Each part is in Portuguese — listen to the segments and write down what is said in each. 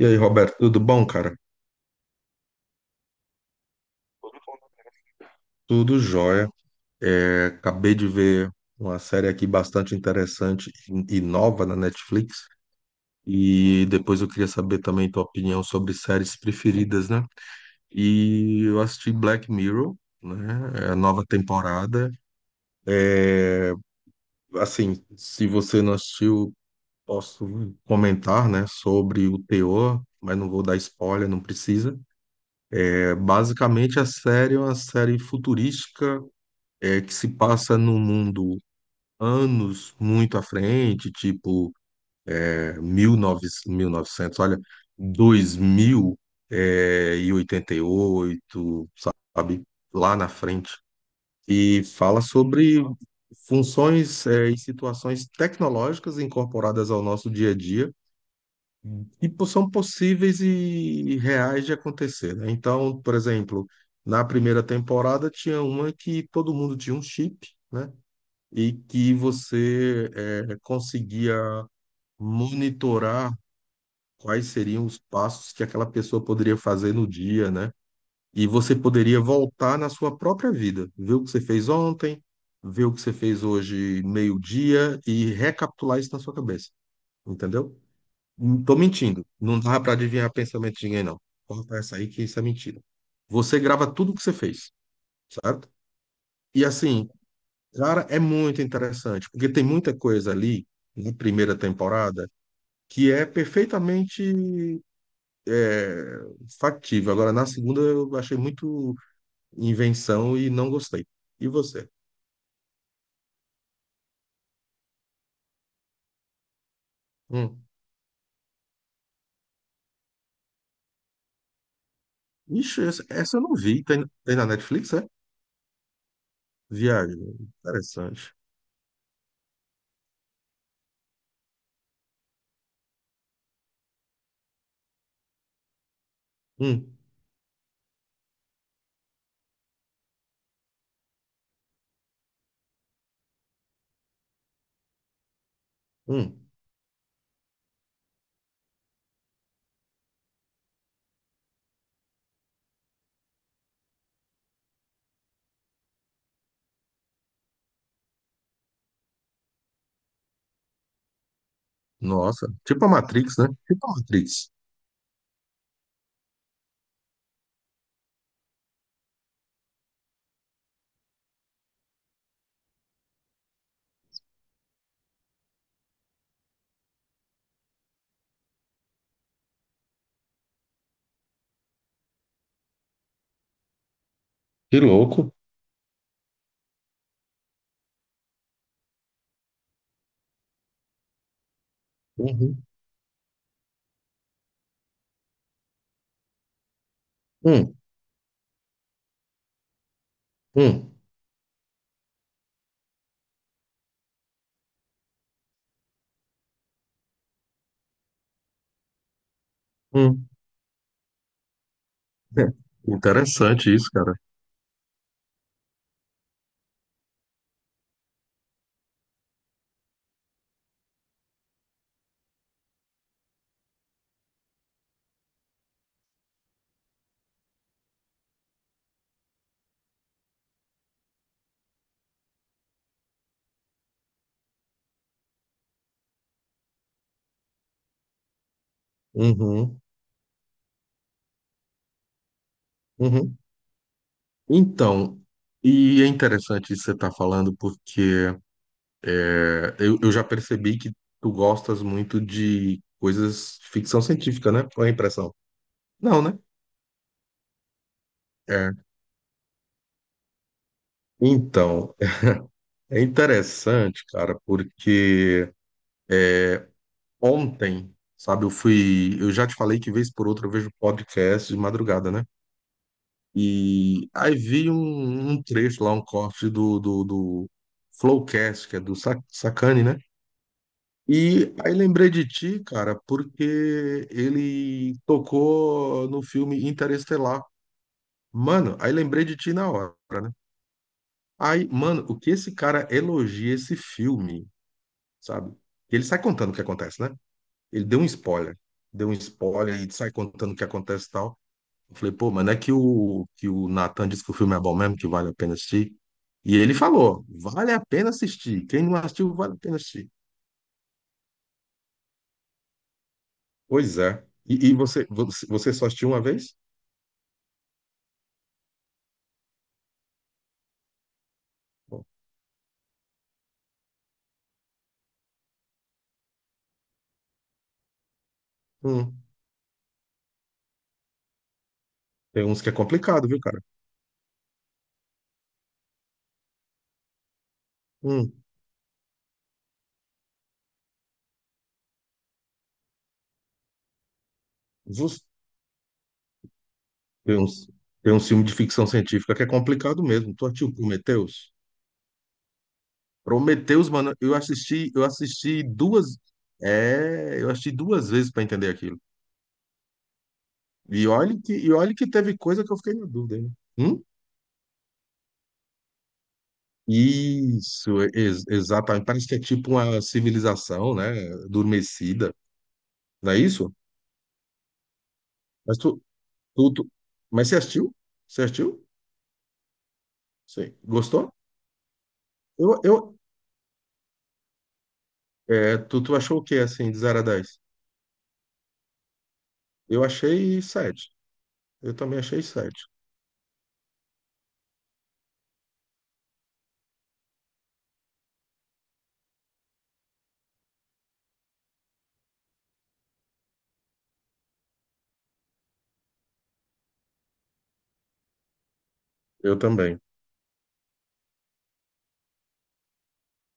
E aí, Roberto, tudo bom, cara? Tudo jóia. Acabei de ver uma série aqui bastante interessante e nova na Netflix. E depois eu queria saber também tua opinião sobre séries preferidas, né? E eu assisti Black Mirror, né? É a nova temporada. É, assim, se você não assistiu, posso comentar, né, sobre o teor, mas não vou dar spoiler, não precisa. Basicamente, a série é uma série futurística que se passa num mundo anos muito à frente, tipo 1900, novecentos, mil e novecentos, olha, 2000 e 88, sabe, lá na frente. E fala sobre funções, e situações tecnológicas incorporadas ao nosso dia a dia que são possíveis e reais de acontecer, né? Então, por exemplo, na primeira temporada tinha uma que todo mundo tinha um chip, né? E que você conseguia monitorar quais seriam os passos que aquela pessoa poderia fazer no dia, né? E você poderia voltar na sua própria vida, ver o que você fez ontem, ver o que você fez hoje meio-dia e recapitular isso na sua cabeça, entendeu? Não tô mentindo, não dá para adivinhar pensamento de ninguém, não. Corta essa aí que isso é mentira. Você grava tudo o que você fez, certo? E assim, cara, é muito interessante, porque tem muita coisa ali na primeira temporada que é perfeitamente é, factível. Agora, na segunda, eu achei muito invenção e não gostei. E você? Hum. Ixi, essa eu não vi. Tem na Netflix, é? Viagem. Interessante. Hum. Hum. Nossa, tipo a Matrix, né? Tipo a Matrix. Que louco. Uhum. Hum. Hum. Hum. É. Interessante isso, cara. Uhum. Uhum. Então, e é interessante você estar falando, porque eu já percebi que tu gostas muito de coisas ficção científica, né? Qual é a impressão? Não, né? É. Então, é interessante, cara, porque ontem, sabe, eu fui. Eu já te falei que vez por outra eu vejo podcast de madrugada, né? E aí vi um trecho lá, um corte do Flowcast, que é do Sacani, né? E aí lembrei de ti, cara, porque ele tocou no filme Interestelar. Mano, aí lembrei de ti na hora, né? Aí, mano, o que esse cara elogia esse filme, sabe? Ele sai contando o que acontece, né? Ele deu um spoiler. Deu um spoiler e sai contando o que acontece e tal. Eu falei, pô, mano, é que que o Nathan disse que o filme é bom mesmo, que vale a pena assistir. E ele falou, vale a pena assistir. Quem não assistiu, vale a pena assistir. Pois é. E você, você só assistiu uma vez? Hum. Tem uns que é complicado, viu, cara? Hum. Zus. Tem uns, tem um filme de ficção científica que é complicado mesmo. Tu assistiu Prometheus? Prometheus, mano, eu assisti duas, eu assisti duas vezes pra entender aquilo. E olha que teve coisa que eu fiquei na dúvida, hein? Hum? Isso, exatamente. Parece que é tipo uma civilização, né? Adormecida, não é isso? Mas tu, tu- mas você assistiu? Você assistiu? Sim. Gostou? Eu, eu, É, tu achou o que, assim, de 0 a dez. Eu achei sete. Eu também achei sete. Eu também.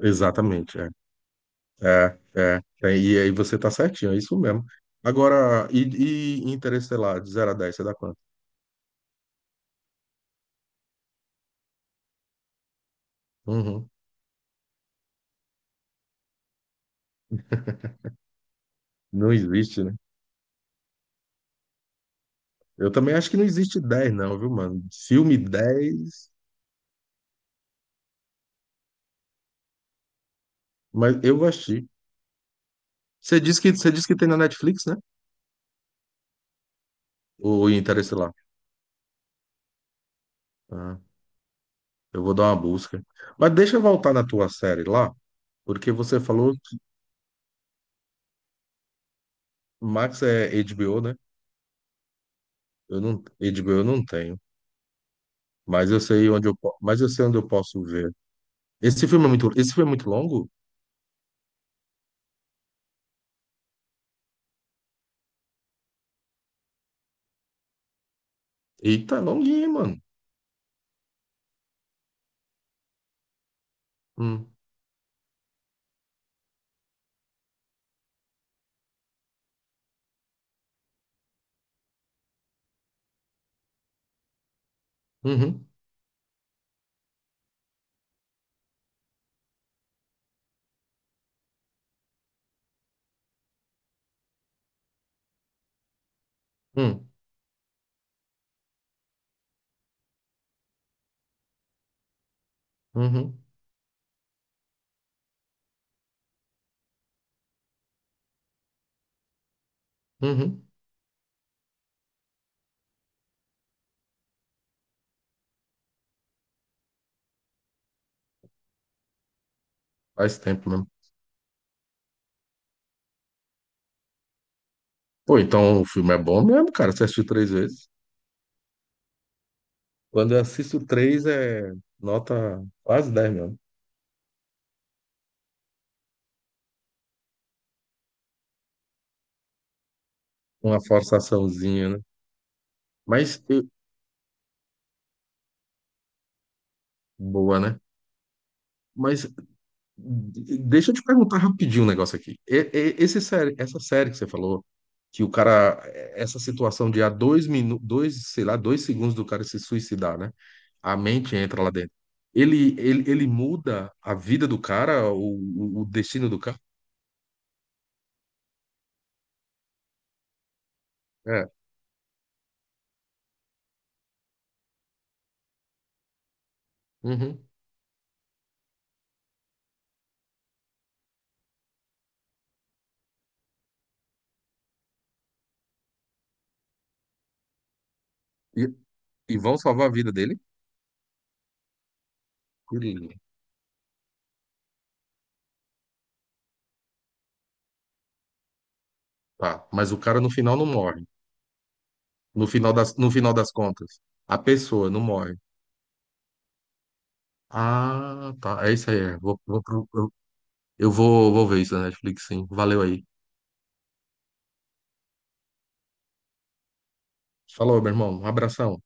Exatamente, é. E aí você tá certinho, é isso mesmo. Agora, e Interestelar, de 0 a 10 você dá quanto? Uhum. Não existe, né? Eu também acho que não existe 10 não, viu, mano? Filme dez, mas eu vou assistir. Você disse que tem na Netflix, né? O Interestelar. Ah, eu vou dar uma busca. Mas deixa eu voltar na tua série lá, porque você falou, Max é HBO, né? Eu não, eu digo, eu não tenho, mas eu sei onde mas eu sei onde eu posso ver. Esse filme é muito, esse filme é muito longo? Eita, é longuinho, mano. Hum, uhum, hum, uhum, uhum. Faz tempo mesmo. Pô, então o filme é bom mesmo, cara. Você assistiu três vezes? Quando eu assisto três, é nota quase dez, mesmo. Uma forçaçãozinha, né? Mas, eu- boa, né? Mas deixa eu te perguntar rapidinho um negócio aqui. Esse série, essa série que você falou. Que o cara, essa situação de há dois minutos, dois, sei lá, dois segundos do cara se suicidar, né? A mente entra lá dentro. Ele muda a vida do cara, o destino do cara. É. Uhum. E, e vão salvar a vida dele? Ele- tá. Mas o cara no final não morre. No final das contas, a pessoa não morre. Ah, tá. É isso aí. É. Vou, vou, pro- eu vou ver isso na Netflix, sim. Valeu aí. Falou, meu irmão. Um abração.